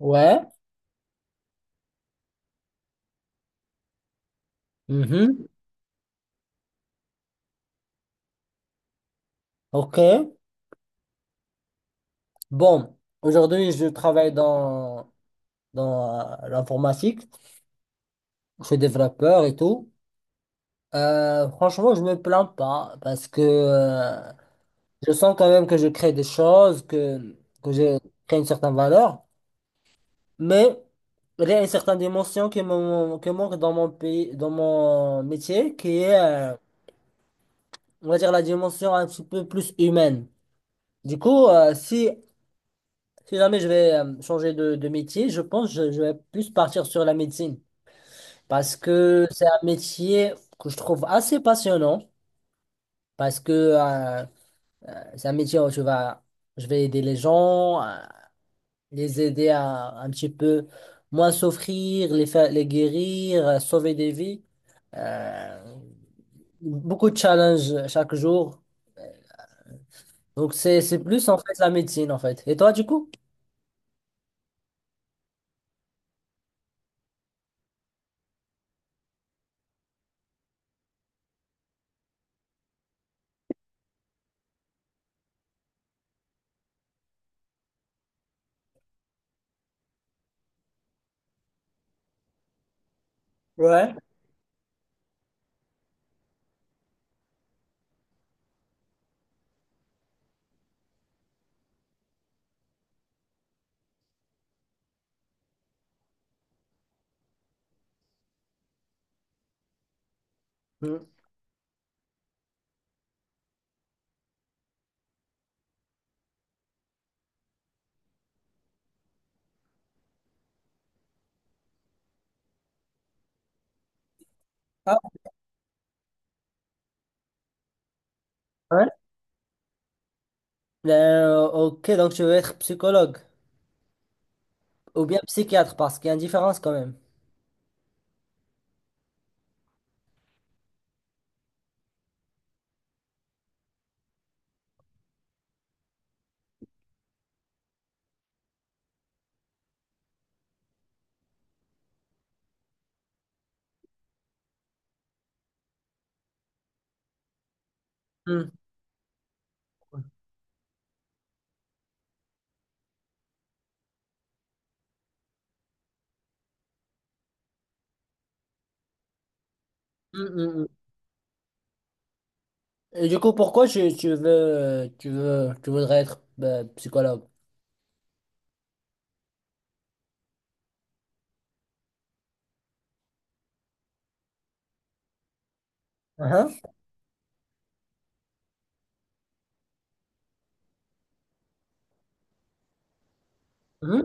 Ouais. Mhm. OK. Bon, aujourd'hui, je travaille dans l'informatique. Je suis développeur et tout. Franchement, je me plains pas parce que je sens quand même que je crée des choses, que je crée une certaine valeur. Mais il y a une certaine dimension qui manque dans mon pays, dans mon métier, qui est, on va dire, la dimension un petit peu plus humaine. Du coup, si jamais je vais changer de métier, je pense que je vais plus partir sur la médecine parce que c'est un métier que je trouve assez passionnant parce que c'est un métier où je vais aider les gens, les aider à un petit peu moins souffrir, les faire, les guérir, sauver des vies. Euh, beaucoup de challenges chaque jour. Donc c'est plus en fait la médecine en fait. Et toi du coup? Ouais. Mm. Ah, ouais. Ben, ok, donc tu veux être psychologue. Ou bien psychiatre, parce qu'il y a une différence quand même. Hmm. Hmm, hmm, hmm. Et du coup, pourquoi tu voudrais être ben, psychologue? Hein. Mhm.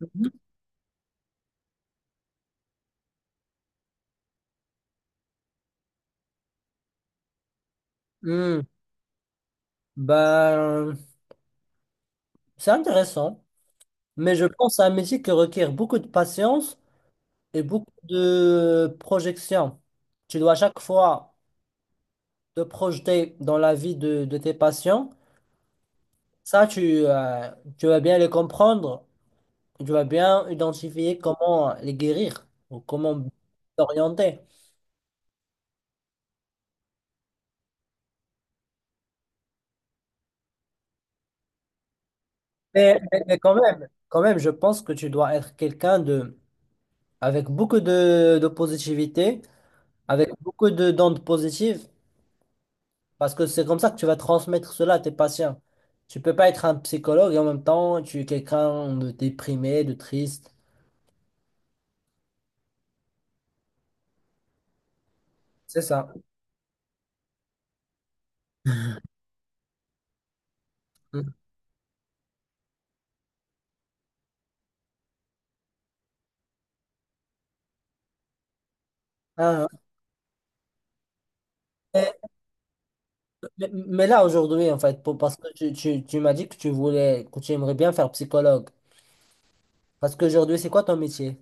Mhm. Mhm. Ben, c'est intéressant, mais je pense à un métier qui requiert beaucoup de patience et beaucoup de projection. Tu dois à chaque fois te projeter dans la vie de tes patients. Ça, tu, euh, tu vas bien les comprendre. Tu vas bien identifier comment les guérir ou comment t'orienter. Mais quand même, je pense que tu dois être quelqu'un avec beaucoup de positivité, avec beaucoup de d'ondes positives, parce que c'est comme ça que tu vas transmettre cela à tes patients. Tu peux pas être un psychologue et en même temps, tu es quelqu'un de déprimé, de triste. C'est ça. Mm. Ah, mais, mais là, aujourd'hui, en fait, parce que tu m'as dit que tu voulais, que tu aimerais bien faire psychologue. Parce qu'aujourd'hui, c'est quoi ton métier?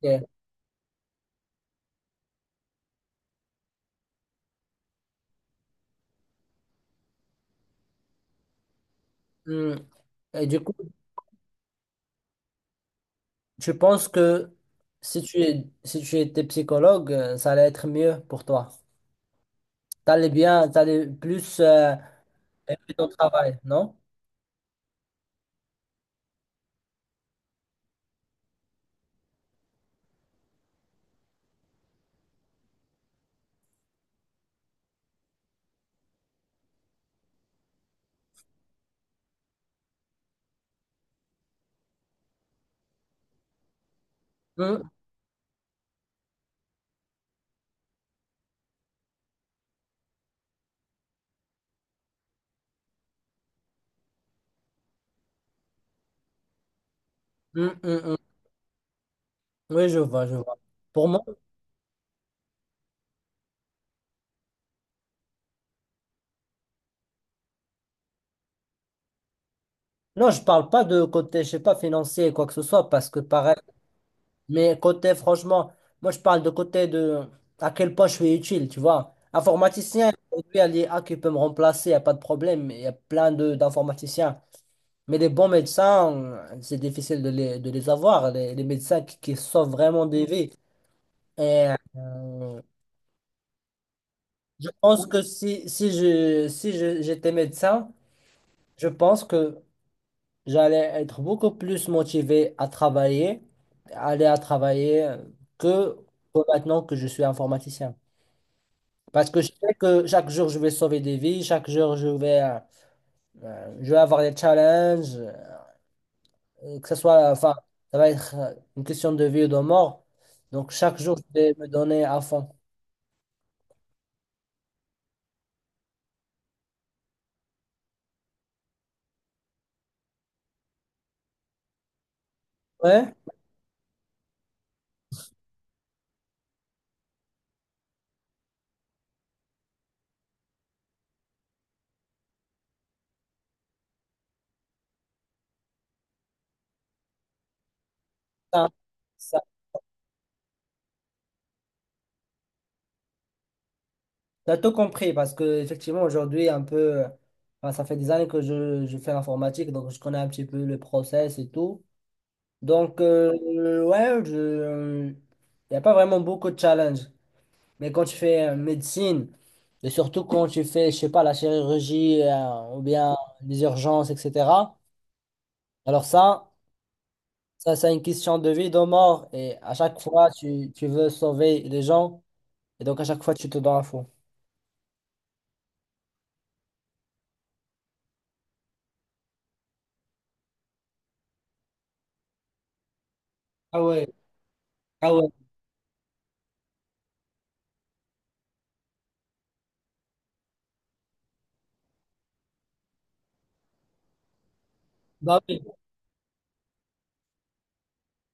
Ok. Hmm. Et du coup, tu penses que si tu étais psychologue, ça allait être mieux pour toi. T'allais bien, t'allais plus aimer ton travail, non? Hmm, hmm, hmm, hmm. Oui, je vois, je vois. Pour moi, non, je parle pas de côté, je sais pas, financier, quoi que ce soit, parce que pareil, mais côté, franchement, moi, je parle de côté de à quel point je suis utile, tu vois. Informaticien, aujourd'hui, il y a l'IA qui peut me remplacer, il n'y a pas de problème, il y a plein de d'informaticiens. Mais les bons médecins, c'est difficile de les avoir, les médecins qui sauvent vraiment des vies. Et euh, je pense que si j'étais médecin, je pense que j'allais être beaucoup plus motivé à travailler, aller à travailler que, que maintenant que je suis informaticien. Parce que je sais que chaque jour, je vais sauver des vies, chaque jour, je vais, je vais avoir des challenges. Que ce soit, enfin, ça va être une question de vie ou de mort. Donc, chaque jour, je vais me donner à fond. Ouais, ça, ça, t'as tout compris parce que, effectivement, aujourd'hui, enfin, ça fait des années que je fais l'informatique, donc je connais un petit peu le process et tout. Donc, ouais, il n'y a pas vraiment beaucoup de challenges. Mais quand tu fais médecine, et surtout quand tu fais, je sais pas, la chirurgie, ou bien les urgences, etc., alors ça, Ça, c'est une question de vie, de mort. Et à chaque fois, tu veux sauver les gens. Et donc, à chaque fois, tu te donnes à fond. Ah ouais, ah ouais. Bah oui.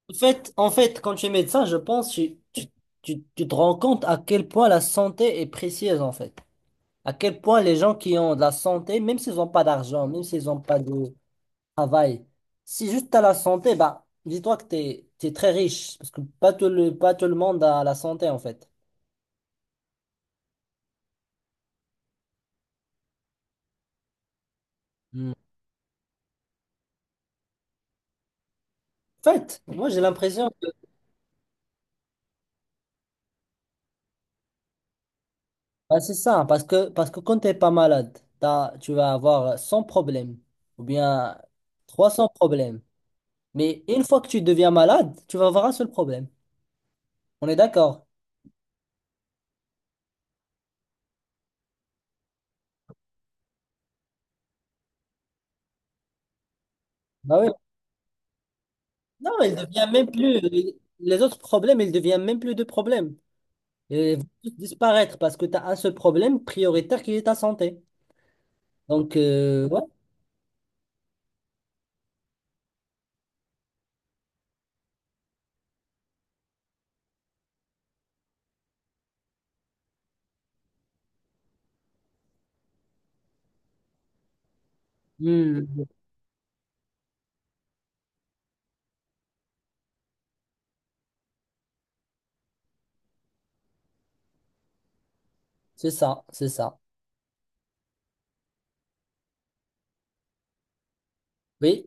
En fait, quand tu es médecin, je pense tu te rends compte à quel point la santé est précieuse, en fait. À quel point les gens qui ont de la santé, même s'ils n'ont pas d'argent, même s'ils n'ont pas de travail, si juste tu as la santé, bah, dis-toi que tu es, très riche. Parce que pas tout le monde a la santé, en fait. Hmm. En fait, moi, j'ai l'impression. Ah, c'est ça, parce que quand tu n'es pas malade, tu vas avoir 100 problèmes ou bien trois cents problèmes. Mais une fois que tu deviens malade, tu vas avoir un seul problème. On est d'accord? Bah oui. Non, il devient même plus. Les autres problèmes, ils deviennent même plus de problèmes. Ils vont tous disparaître parce que tu as un seul problème prioritaire qui est ta santé. Donc, ouais. Hmm. C'est ça, c'est ça. Oui.